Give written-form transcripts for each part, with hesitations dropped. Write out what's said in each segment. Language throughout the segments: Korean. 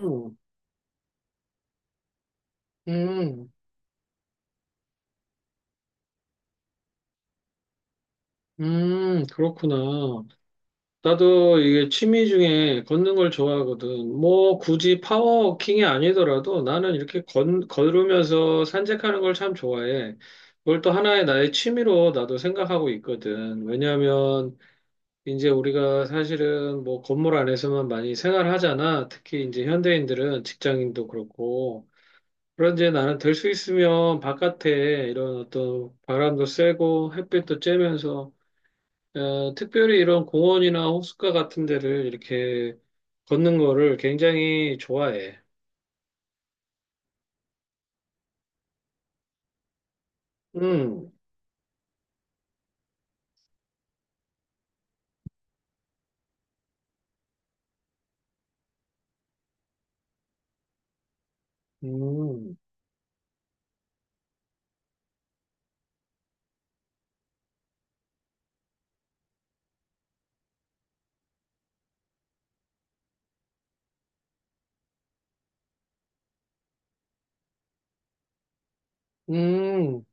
음, 음, 그렇구나. 나도 이게 취미 중에 걷는 걸 좋아하거든. 뭐 굳이 파워워킹이 아니더라도 나는 이렇게 걸으면서 산책하는 걸 참 좋아해. 그걸 또 하나의 나의 취미로 나도 생각하고 있거든. 왜냐하면 이제 우리가 사실은 뭐 건물 안에서만 많이 생활하잖아. 특히 이제 현대인들은 직장인도 그렇고. 그런데 나는 될 수 있으면 바깥에 이런 어떤 바람도 쐬고 햇빛도 쬐면서 특별히 이런 공원이나 호숫가 같은 데를 이렇게 걷는 거를 굉장히 좋아해. 음, 음, 음.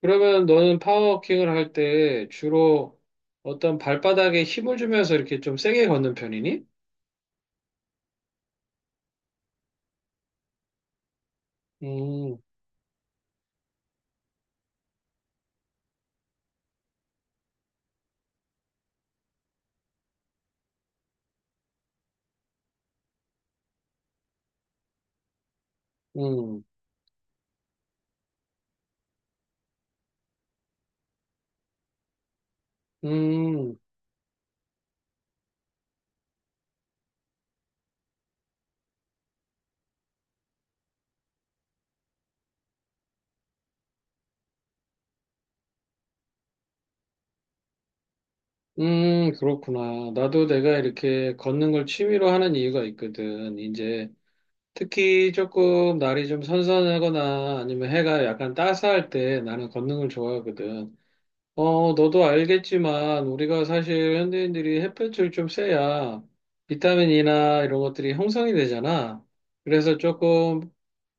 그러면 너는 파워워킹을 할 때 주로 어떤 발바닥에 힘을 주면서 이렇게 좀 세게 걷는 편이니? 음, 음, 음, 그렇구나. 나도 내가 이렇게 걷는 걸 취미로 하는 이유가 있거든. 이제 특히 조금 날이 좀 선선하거나 아니면 해가 약간 따스할 때 나는 걷는 걸 좋아하거든. 너도 알겠지만 우리가 사실 현대인들이 햇볕을 좀 쐬야 비타민이나 이런 것들이 형성이 되잖아. 그래서 조금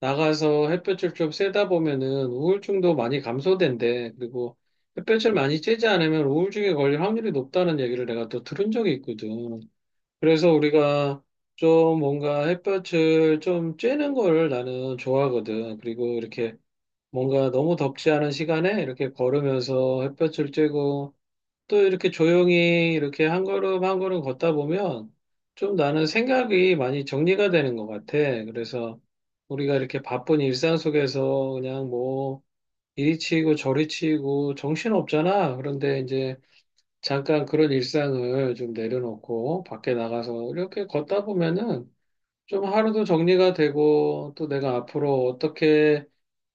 나가서 햇볕을 좀 쐬다 보면은 우울증도 많이 감소된대. 그리고 햇볕을 많이 쬐지 않으면 우울증에 걸릴 확률이 높다는 얘기를 내가 또 들은 적이 있거든. 그래서 우리가 좀 뭔가 햇볕을 좀 쬐는 거를 나는 좋아하거든. 그리고 이렇게 뭔가 너무 덥지 않은 시간에 이렇게 걸으면서 햇볕을 쬐고 또 이렇게 조용히 이렇게 한 걸음 한 걸음 걷다 보면 좀 나는 생각이 많이 정리가 되는 것 같아. 그래서 우리가 이렇게 바쁜 일상 속에서 그냥 뭐 이리 치이고 저리 치이고 정신 없잖아. 그런데 이제 잠깐 그런 일상을 좀 내려놓고 밖에 나가서 이렇게 걷다 보면은 좀 하루도 정리가 되고 또 내가 앞으로 어떻게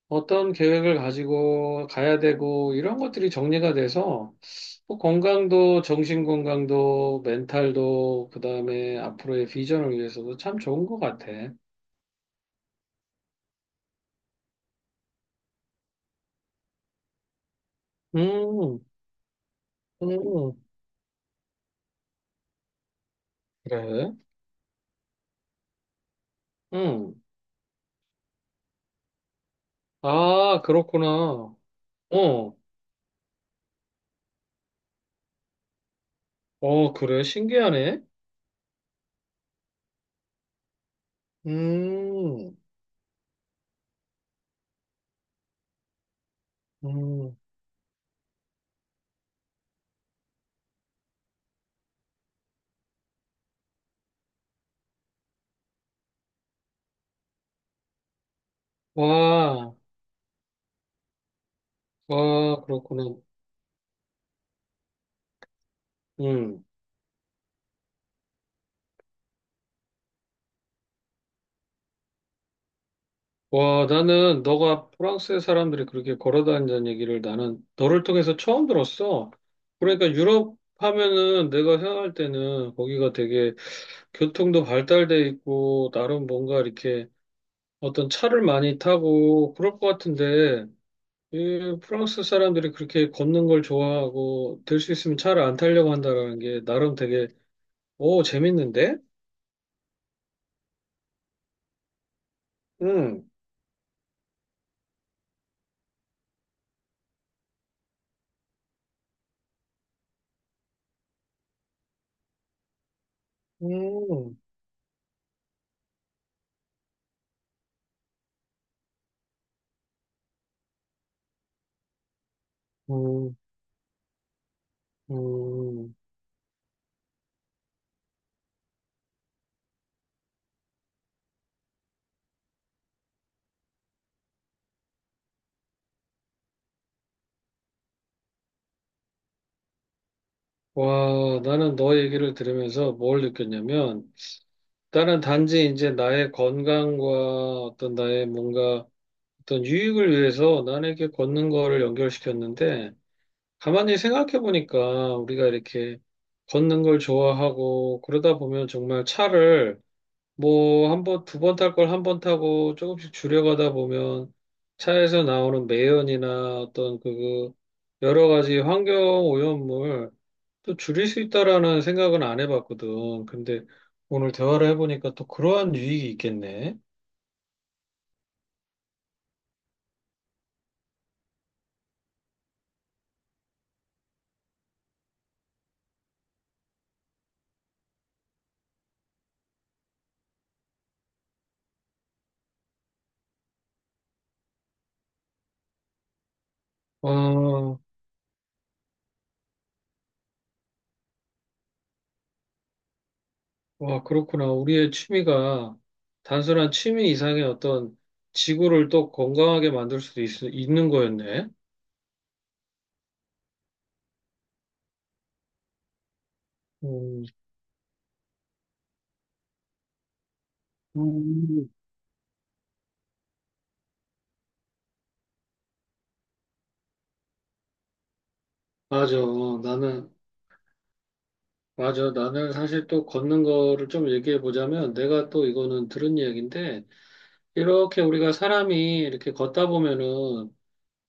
어떤 계획을 가지고 가야 되고 이런 것들이 정리가 돼서 뭐 건강도 정신 건강도 멘탈도 그다음에 앞으로의 비전을 위해서도 참 좋은 것 같아. 음, 음, 그래. 음. 아, 그렇구나. 어, 어, 그래. 신기하네. 음. 음. 와, 와, 그렇구나. 음. 와, 나는 너가 프랑스의 사람들이 그렇게 걸어 다닌다는 얘기를 나는 너를 통해서 처음 들었어. 그러니까 유럽 하면은 내가 생각할 때는 거기가 되게 교통도 발달돼 있고 나름 뭔가 이렇게 어떤 차를 많이 타고 그럴 것 같은데 이 프랑스 사람들이 그렇게 걷는 걸 좋아하고 될 수 있으면 차를 안 타려고 한다라는 게 나름 되게 오 재밌는데? 응. 음. 음. 음, 와, 나는 너 얘기를 들으면서 뭘 느꼈냐면, 나는 단지 이제 나의 건강과 어떤 나의 뭔가 어떤 유익을 위해서 남에게 걷는 거를 연결시켰는데, 가만히 생각해 보니까 우리가 이렇게 걷는 걸 좋아하고, 그러다 보면 정말 차를 뭐 한 번, 두 번 탈 걸 한 번 타고 조금씩 줄여가다 보면 차에서 나오는 매연이나 어떤 그 여러 가지 환경 오염물, 또 줄일 수 있다라는 생각은 안 해봤거든. 근데 오늘 대화를 해보니까 또 그러한 유익이 있겠네. 아, 와, 그렇구나. 우리의 취미가 단순한 취미 이상의 어떤 지구를 또 건강하게 만들 수도 있는 거였네. 음, 음. 맞아. 나는, 맞아. 나는 사실 또 걷는 거를 좀 얘기해 보자면 내가 또 이거는 들은 이야기인데 이렇게 우리가 사람이 이렇게 걷다 보면은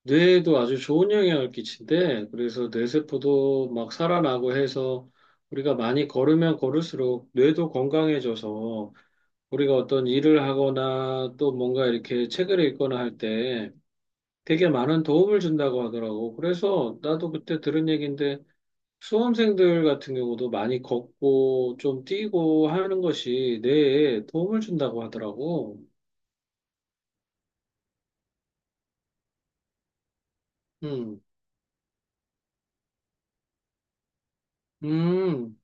뇌에도 아주 좋은 영향을 끼친대. 그래서 뇌세포도 막 살아나고 해서 우리가 많이 걸으면 걸을수록 뇌도 건강해져서 우리가 어떤 일을 하거나 또 뭔가 이렇게 책을 읽거나 할 때 되게 많은 도움을 준다고 하더라고. 그래서 나도 그때 들은 얘기인데 수험생들 같은 경우도 많이 걷고 좀 뛰고 하는 것이 뇌에 도움을 준다고 하더라고. 음, 음,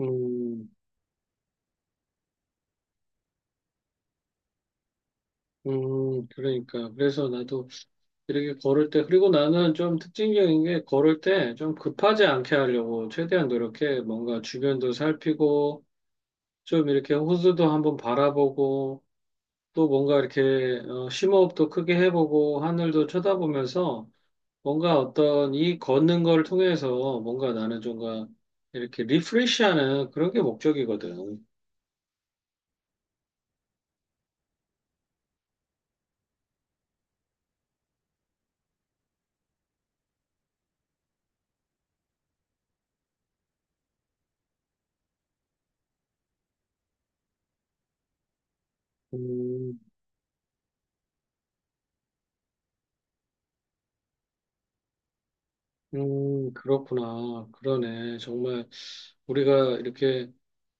음, 그러니까. 그래서 나도 이렇게 걸을 때, 그리고 나는 좀 특징적인 게 걸을 때 좀 급하지 않게 하려고 최대한 노력해. 뭔가 주변도 살피고, 좀 이렇게 호수도 한번 바라보고, 또 뭔가 이렇게 심호흡도 크게 해보고, 하늘도 쳐다보면서 뭔가 어떤 이 걷는 걸 통해서 뭔가 나는 좀가 이렇게 리프레시하는 그런 게 목적이거든. 음, 그렇구나. 그러네. 정말 우리가 이렇게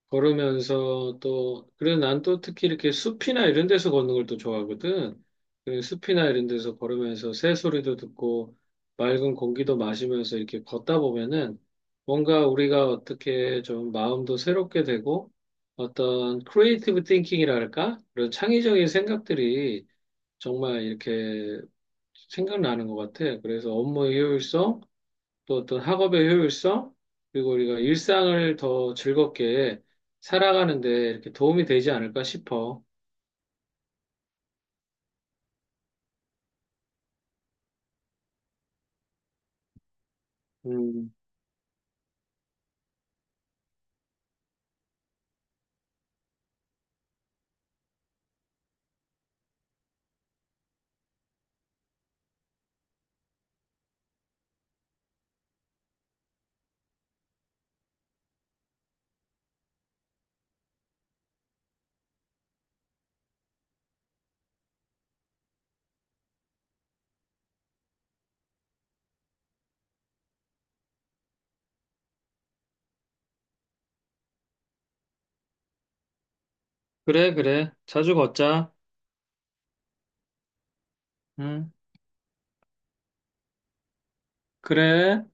걸으면서 또, 그래서 난 또 특히 이렇게 숲이나 이런 데서 걷는 걸 또 좋아하거든. 그래서 숲이나 이런 데서 걸으면서 새소리도 듣고 맑은 공기도 마시면서 이렇게 걷다 보면은 뭔가 우리가 어떻게 좀 마음도 새롭게 되고 어떤 크리에이티브 띵킹이랄까? 그런 창의적인 생각들이 정말 이렇게 생각나는 것 같아. 그래서 업무의 효율성, 또 어떤 학업의 효율성, 그리고 우리가 일상을 더 즐겁게 살아가는데 이렇게 도움이 되지 않을까 싶어. 음, 그래, 그래. 자주 걷자. 응, 그래.